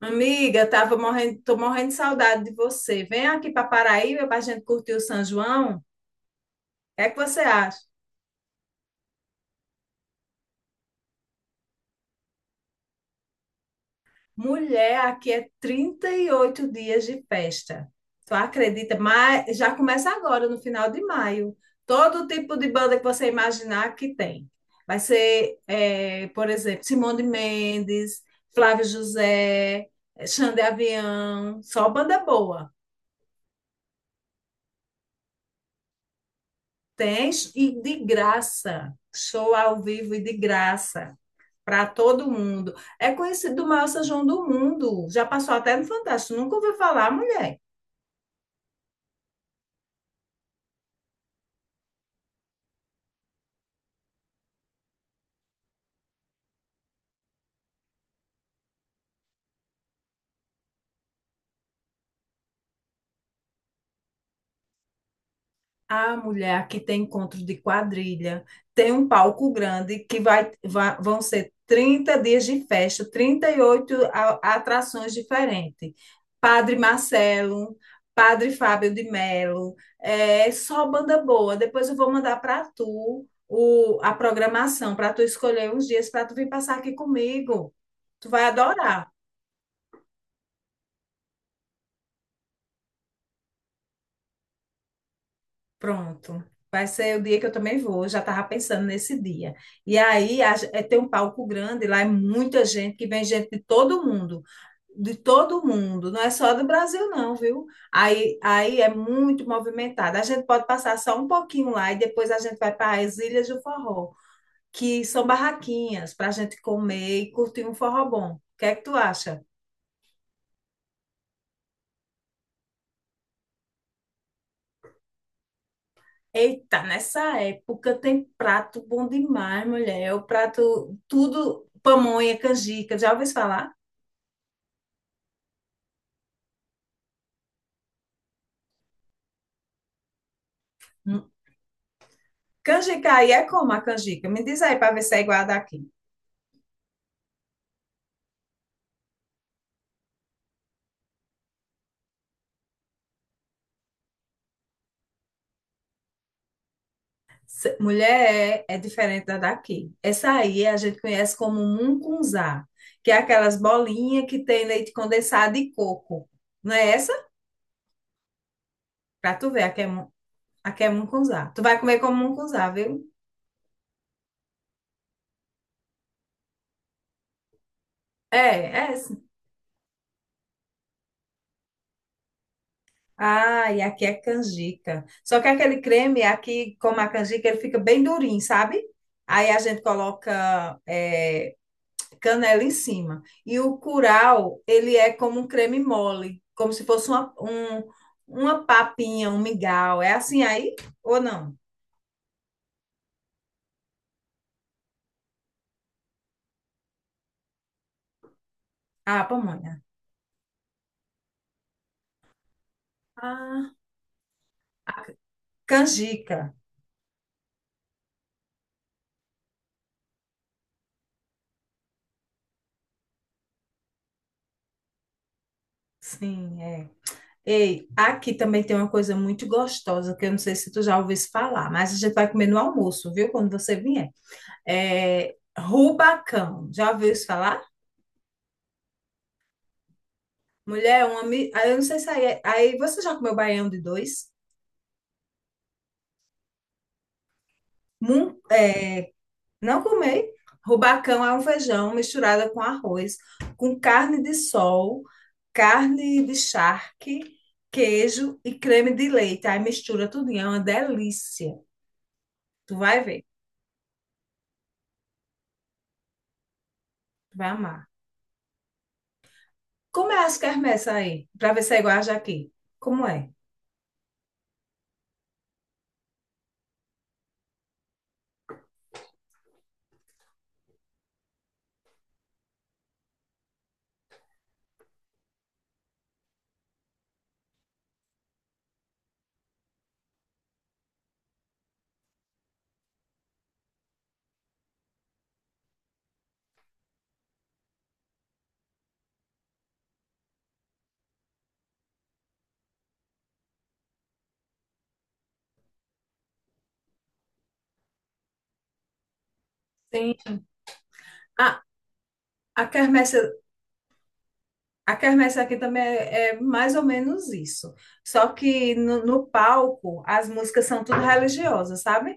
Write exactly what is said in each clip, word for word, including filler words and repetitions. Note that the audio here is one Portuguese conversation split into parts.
Amiga, tava morrendo, tô morrendo de saudade de você. Vem aqui para Paraíba para a gente curtir o São João. O que é que você acha? Mulher, aqui é trinta e oito dias de festa. Tu acredita? Mas já começa agora, no final de maio. Todo tipo de banda que você imaginar que tem. Vai ser, eh, por exemplo, Simone Mendes, Flávio José, Xande Avião, só banda boa. Tem e de graça. Show ao vivo e de graça. Para todo mundo. É conhecido o maior São João do mundo. Já passou até no Fantástico. Nunca ouviu falar, mulher. A mulher aqui tem encontro de quadrilha, tem um palco grande que vai, va- vão ser trinta dias de festa, trinta e oito a- atrações diferentes. Padre Marcelo, Padre Fábio de Melo, é só banda boa. Depois eu vou mandar para tu o, a programação, para tu escolher uns dias para tu vir passar aqui comigo. Tu vai adorar. Pronto. Vai ser o dia que eu também vou. Eu já estava pensando nesse dia. E aí a- ge- é, tem um palco grande, lá é muita gente, que vem gente de todo mundo. De todo mundo, não é só do Brasil, não, viu? Aí, aí é muito movimentado. A gente pode passar só um pouquinho lá e depois a gente vai para as Ilhas do Forró, que são barraquinhas para a gente comer e curtir um forró bom. O que é que tu acha? Eita, nessa época tem prato bom demais, mulher. É. O prato, tudo, pamonha, canjica. Já ouviu falar? Hum. Canjica aí é como a canjica? Me diz aí para ver se é igual a daqui. Se- Mulher, é, é diferente da daqui. Essa aí a gente conhece como mungunzá, que é aquelas bolinhas que tem leite condensado e coco. Não é essa? Pra tu ver, aqui é, mu- aqui é mungunzá. Tu vai comer como mungunzá, viu? É, é Ah, e aqui é canjica. Só que aquele creme aqui, como a canjica, ele fica bem durinho, sabe? Aí a gente coloca eh, canela em cima. E o curau, ele é como um creme mole, como se fosse uma, um- uma papinha, um mingau. É assim aí ou não? Ah, pamonha. Ah, canjica. Sim, é. Ei, aqui também tem uma coisa muito gostosa, que eu não sei se tu já ouviste falar, mas a gente vai comer no almoço, viu? Quando você vier. É, Rubacão. Já ouviu isso falar? Mulher, uma. mi- aí eu não sei se aí. é- aí você já comeu baião de dois? Mun- é, não comei. Rubacão é um feijão misturado com arroz, com carne de sol, carne de charque, queijo e creme de leite. Aí mistura tudo, é uma delícia. Tu vai ver, tu vai amar. Como é as quermesses aí? Para ver se é igual a Jaqui. Como é? Tem. Ah, a quermesse A quermesse aqui também é, é mais ou menos isso. Só que no, no palco, as músicas são tudo religiosas, sabe?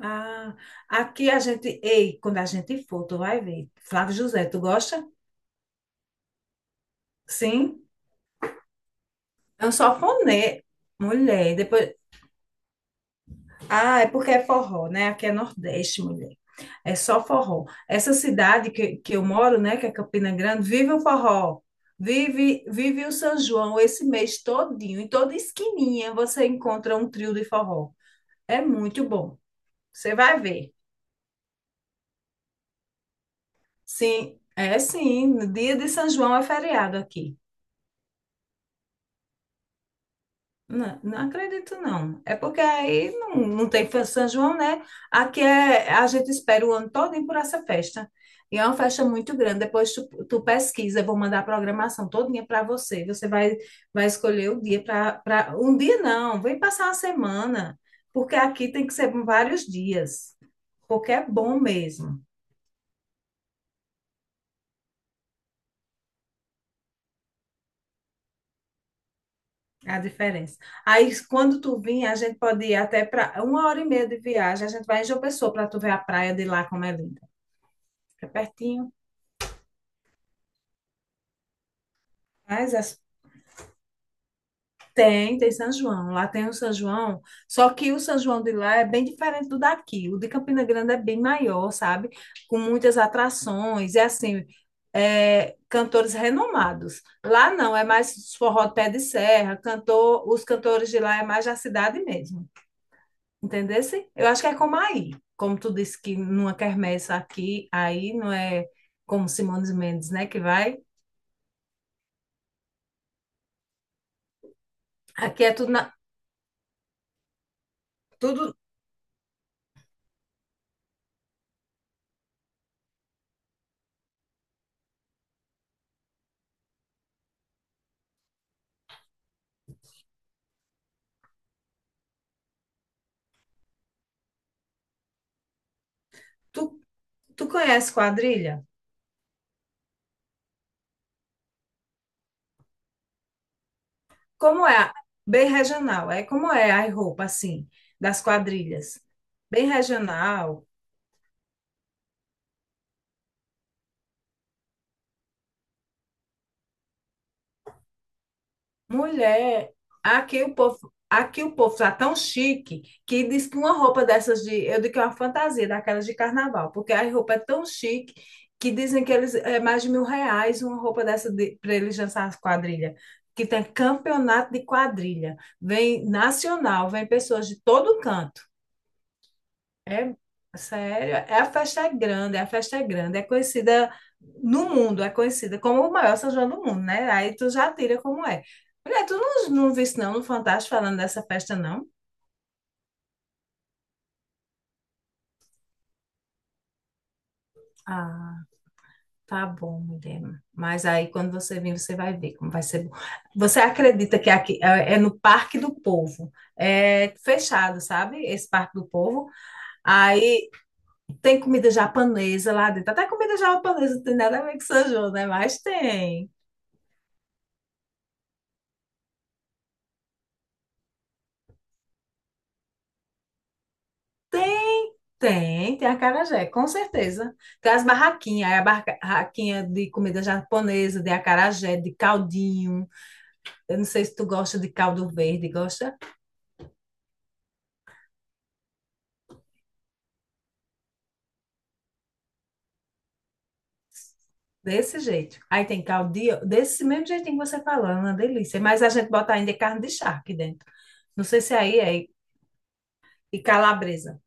Ah, aqui a gente. Ei, quando a gente for, tu vai ver. Flávio José, tu gosta? Sim, é um sanfonê. Mulher, depois. Ah, é porque é forró, né? Aqui é Nordeste, mulher. É só forró. Essa cidade que, que eu moro, né, que é Campina Grande, vive o forró. Vive, vive o São João esse mês todinho. Em toda esquininha você encontra um trio de forró. É muito bom. Você vai ver. Sim, é sim. No dia de São João é feriado aqui. Não, não acredito, não. É porque aí não, não tem festa de São João, né? Aqui é, a gente espera o ano todo por essa festa. E é uma festa muito grande. Depois tu, tu pesquisa, eu vou mandar a programação todinha para você. Você vai, vai escolher o dia para. Um dia não, vem passar uma semana. Porque aqui tem que ser vários dias. Porque é bom mesmo a diferença. Aí, quando tu vir, a gente pode ir até para uma hora e meia de viagem. A gente vai em João Pessoa para tu ver a praia de lá como é linda. Fica pertinho. Mas as- tem, tem São João. Lá tem o São João, só que o São João de lá é bem diferente do daqui. O de Campina Grande é bem maior, sabe? Com muitas atrações, é assim, é, cantores renomados. Lá não, é mais forró de pé de serra, cantor, os cantores de lá é mais da cidade mesmo. Entendesse? Eu acho que é como aí. Como tu disse que numa quermesse aqui, aí não é como Simões Mendes, né, que vai. Aqui é tudo na, tudo tu, tu conhece quadrilha? Como é? a- Bem regional. É como é a roupa, assim, das quadrilhas. Bem regional. Mulher, aqui o povo, aqui o povo tá tão chique que diz que uma roupa dessas de, eu digo que é uma fantasia, daquelas de carnaval, porque a roupa é tão chique que dizem que eles é mais de mil reais uma roupa dessa de, para eles dançar as quadrilhas. Que tem campeonato de quadrilha, vem nacional, vem pessoas de todo canto. É, sério, é a festa é grande, é a festa é grande, é conhecida no mundo, é conhecida como o maior São João do mundo, né? Aí tu já tira como é. Mulher, tu não, não viste não no Fantástico falando dessa festa, não? Ah, tá bom, mulher. Mas aí quando você vir, você vai ver como vai ser bom. Você acredita que aqui é, é no Parque do Povo? É fechado, sabe? Esse Parque do Povo. Aí tem comida japonesa lá dentro. Até comida japonesa não tem nada a ver com São João, né? Mas tem. Tem, tem acarajé, com certeza. Tem as barraquinhas, aí a barraquinha de comida japonesa, de acarajé, de caldinho. Eu não sei se tu gosta de caldo verde, gosta desse jeito. Aí tem caldinho, desse mesmo jeitinho que você falou, é uma delícia. Mas a gente bota ainda carne de charque dentro. Não sei se aí é, e calabresa.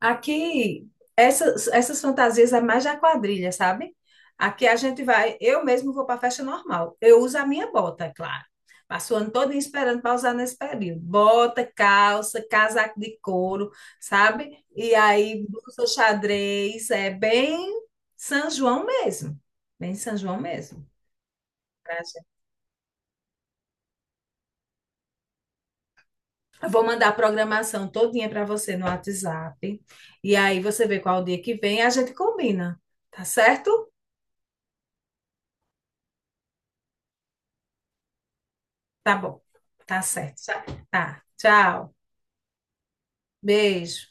Aqui, essas, essas fantasias é mais da quadrilha, sabe? Aqui a gente vai, eu mesmo vou para festa normal. Eu uso a minha bota, é claro. Passo o ano todo esperando para usar nesse período. Bota, calça, casaco de couro, sabe? E aí, blusa xadrez, é bem São João mesmo. Bem São João mesmo. Pra gente. Eu vou mandar a programação todinha para você no WhatsApp. E aí você vê qual dia que vem, a gente combina, tá certo? Tá bom, tá certo. Tá. Tchau. Beijo.